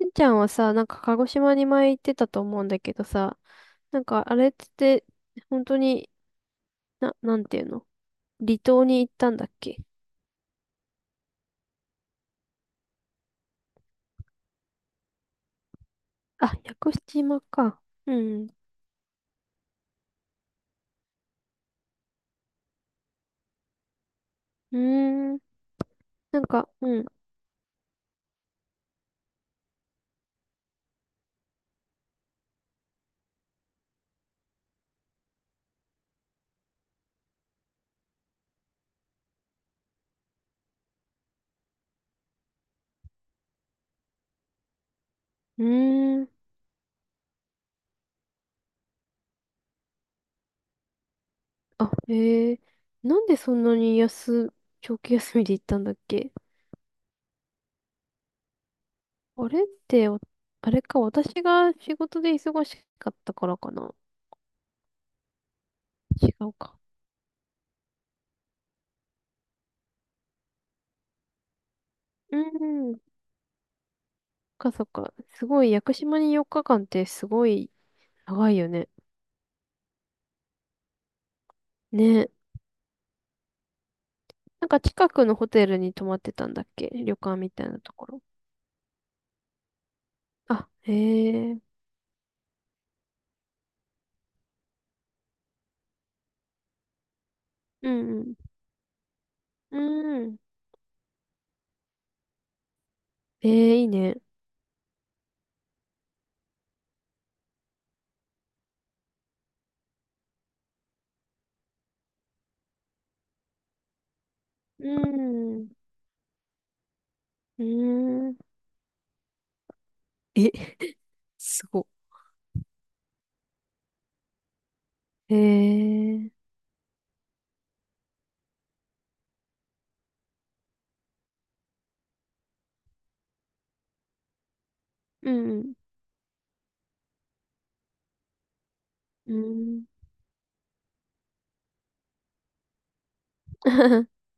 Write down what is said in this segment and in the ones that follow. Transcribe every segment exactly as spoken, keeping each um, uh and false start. しんちゃんはさ、なんか鹿児島に前行ってたと思うんだけどさ、なんかあれって本当に、な、なんていうの、離島に行ったんだっけ？あ、屋久島か。うん。うーん。なんか、うん。うーん。あ、へえ。なんでそんなに安、長期休みで行ったんだっけ？あれってお、あれか、私が仕事で忙しかったからかな。違うか。うーん。そっかそっか。すごい、屋久島によっかかんってすごい長いよね。ね。なんか近くのホテルに泊まってたんだっけ、旅館みたいなところ。あ、へえ。うんうん。うん。ええ、いいね。うん。うーん。え、すご。へえ。うんうん。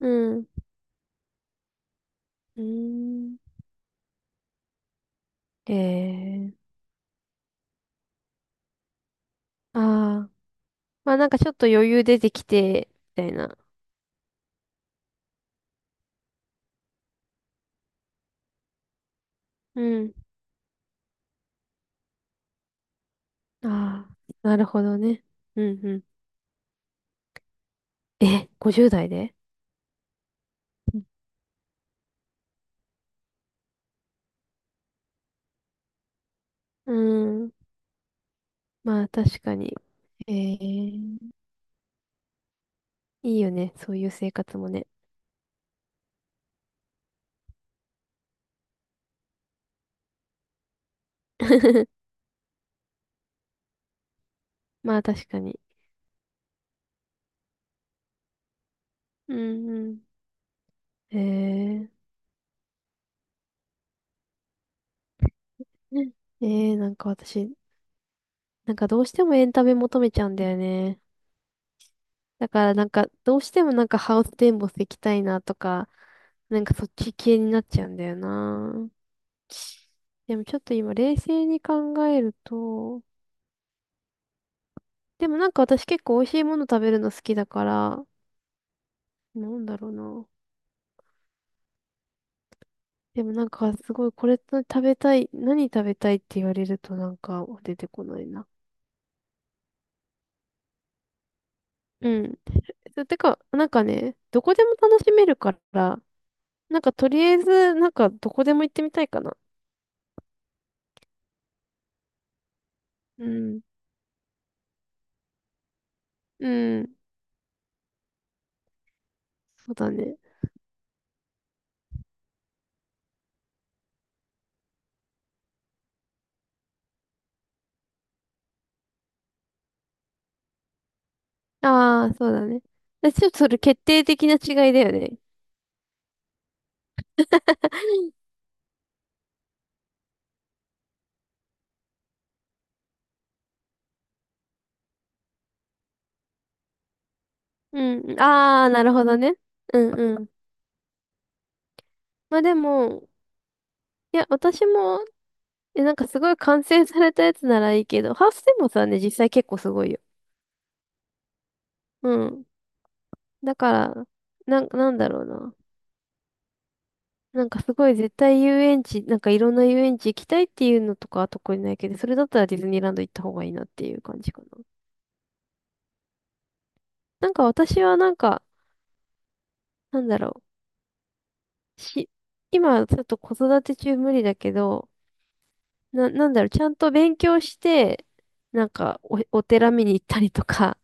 うん。うん。うん、ええ、いいね、うん、うーん、え、すご、へえ、うん、うん、うん、うん、ええ、ああ。まあなんかちょっと余裕出てきて、みたいな。うん。ああ、なるほどね。うんうん。え、ごじゅうだい代で？うん。うん、まあ確かに。ええ、いいよね。そういう生活もね。まあ確かに。うんうん。えー、ええ、なんか私、なんかどうしてもエンタメ求めちゃうんだよね。だからなんかどうしてもなんかハウステンボス行きたいなとか、なんかそっち系になっちゃうんだよな。でもちょっと今冷静に考えると、でもなんか私結構美味しいもの食べるの好きだから、なんだろうな。でもなんかすごいこれ食べたい、何食べたいって言われるとなんか出てこないな。うん。そう、てか、なんかね、どこでも楽しめるから、なんかとりあえず、なんかどこでも行ってみたいかな。うん。うん。そうだね。ああ、そうだね。でちょっとそれ決定的な違いだよね。うん。ああ、なるほどね。うんうん。まあでも、いや、私も、え、なんかすごい完成されたやつならいいけど、ハウステンボスはね、実際結構すごいよ。うん、だから、なん、なんだろうな。なんかすごい絶対遊園地、なんかいろんな遊園地行きたいっていうのとかは特にないけど、それだったらディズニーランド行った方がいいなっていう感じかな。なんか私はなんか、なんだろう。し、今ちょっと子育て中無理だけど、な、なんだろう、ちゃんと勉強して、なんかお、お寺見に行ったりとか、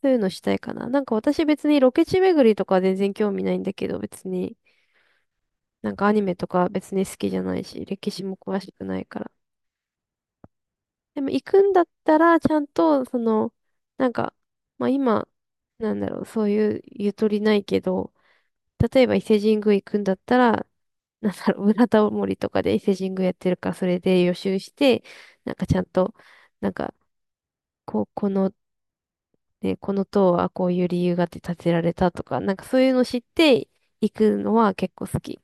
そういうのしたいかな。なんか私別にロケ地巡りとかは全然興味ないんだけど、別に、なんかアニメとか別に好きじゃないし、歴史も詳しくないから。でも行くんだったら、ちゃんと、その、なんか、まあ今、なんだろう、そういうゆとりないけど、例えば伊勢神宮行くんだったら、なんだろう、裏タモリとかで伊勢神宮やってるから、それで予習して、なんかちゃんと、なんか、こう、この、ね、この塔はこういう理由があって建てられたとか、なんかそういうの知って行くのは結構好き。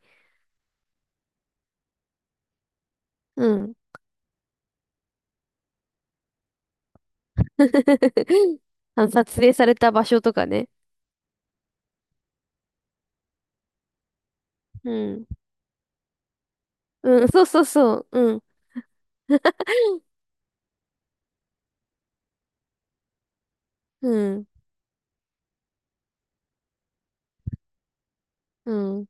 うん。あの、撮影された場所とかね。うん。うん、そうそうそう。うん。うん。うん。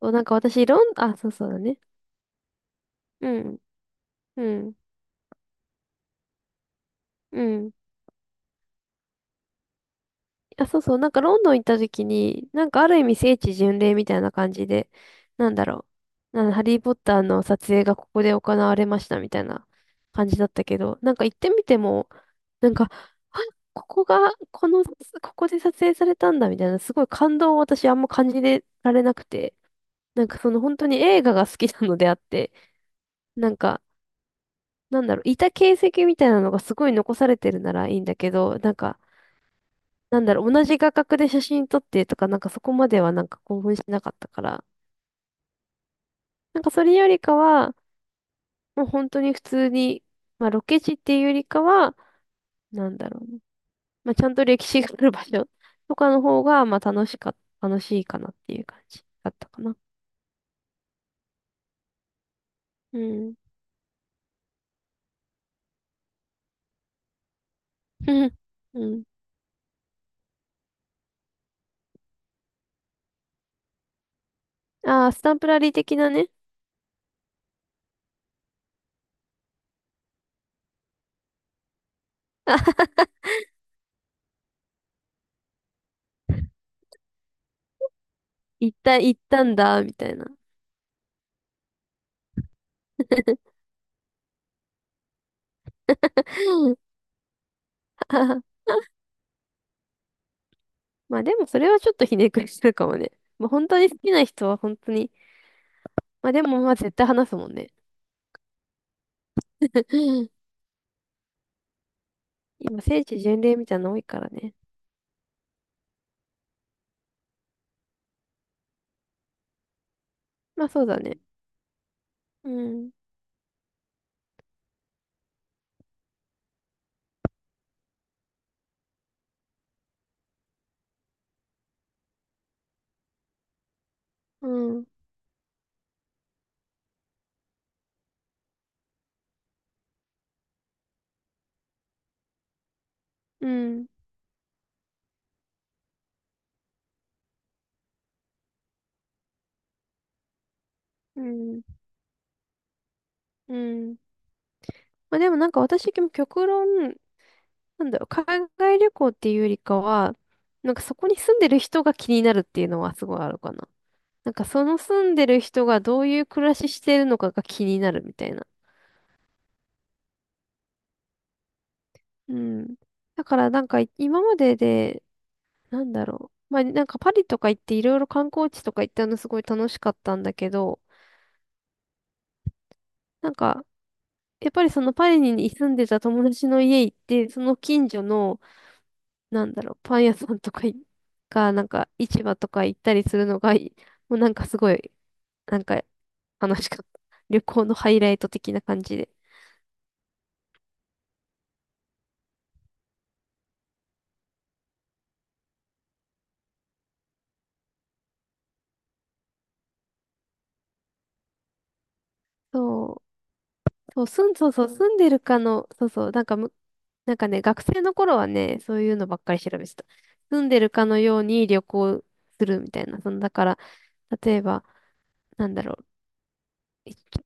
そうなんか私、ロン、あ、そう、そうだね。うん。うん。うん。あ、そうそう。なんかロンドン行った時に、なんかある意味聖地巡礼みたいな感じで、なんだろう。なんハリー・ポッターの撮影がここで行われましたみたいな感じだったけど、なんか行ってみても、なんか、あ、ここが、この、ここで撮影されたんだみたいな、すごい感動を私あんま感じられなくて、なんかその本当に映画が好きなのであって、なんか、なんだろう、いた形跡みたいなのがすごい残されてるならいいんだけど、なんか、なんだろう、同じ画角で写真撮ってとか、なんかそこまではなんか興奮しなかったから、なんかそれよりかは、もう本当に普通に、まあロケ地っていうよりかは、なんだろうね、まあちゃんと歴史がある場所 とかの方が、まあ楽しか、楽しいかなっていう感じだったかな。うん。うん。ああ、スタンプラリー的なね、行った、行ったんだ、みたいな。まあでもそれはちょっとひねくれしてるかもね。まあ本当に好きな人は本当に。まあでもまあ絶対話すもんね。今、聖地巡礼みたいなの多いからね。まあそうだね。うん、うん、うん、うん、うん。まあでもなんか私、極論、なんだろう、海外旅行っていうよりかは、なんかそこに住んでる人が気になるっていうのはすごいあるかな。なんかその住んでる人がどういう暮らししてるのかが気になるみたいな。うん。だからなんか今までで、なんだろう。まあ、なんかパリとか行っていろいろ観光地とか行ったのすごい楽しかったんだけど、なんか、やっぱりそのパリに住んでた友達の家行って、その近所の、なんだろう、パン屋さんとかい、が、なんか市場とか行ったりするのが、い、もうなんかすごい、なんか楽しかった。旅行のハイライト的な感じで。そうそう、すん、そうそう、住んでるかの、そうそう、なんかむ、なんかね、学生の頃はね、そういうのばっかり調べてた。住んでるかのように旅行するみたいな。その、だから、例えば、なんだろう、いと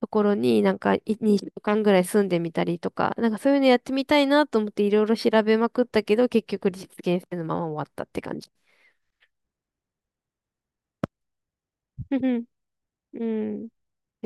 ところになんかいにしゅうかんぐらい住んでみたりとか、なんかそういうのやってみたいなと思っていろいろ調べまくったけど、結局実現性のまま終わったって感じ。うんうん。うん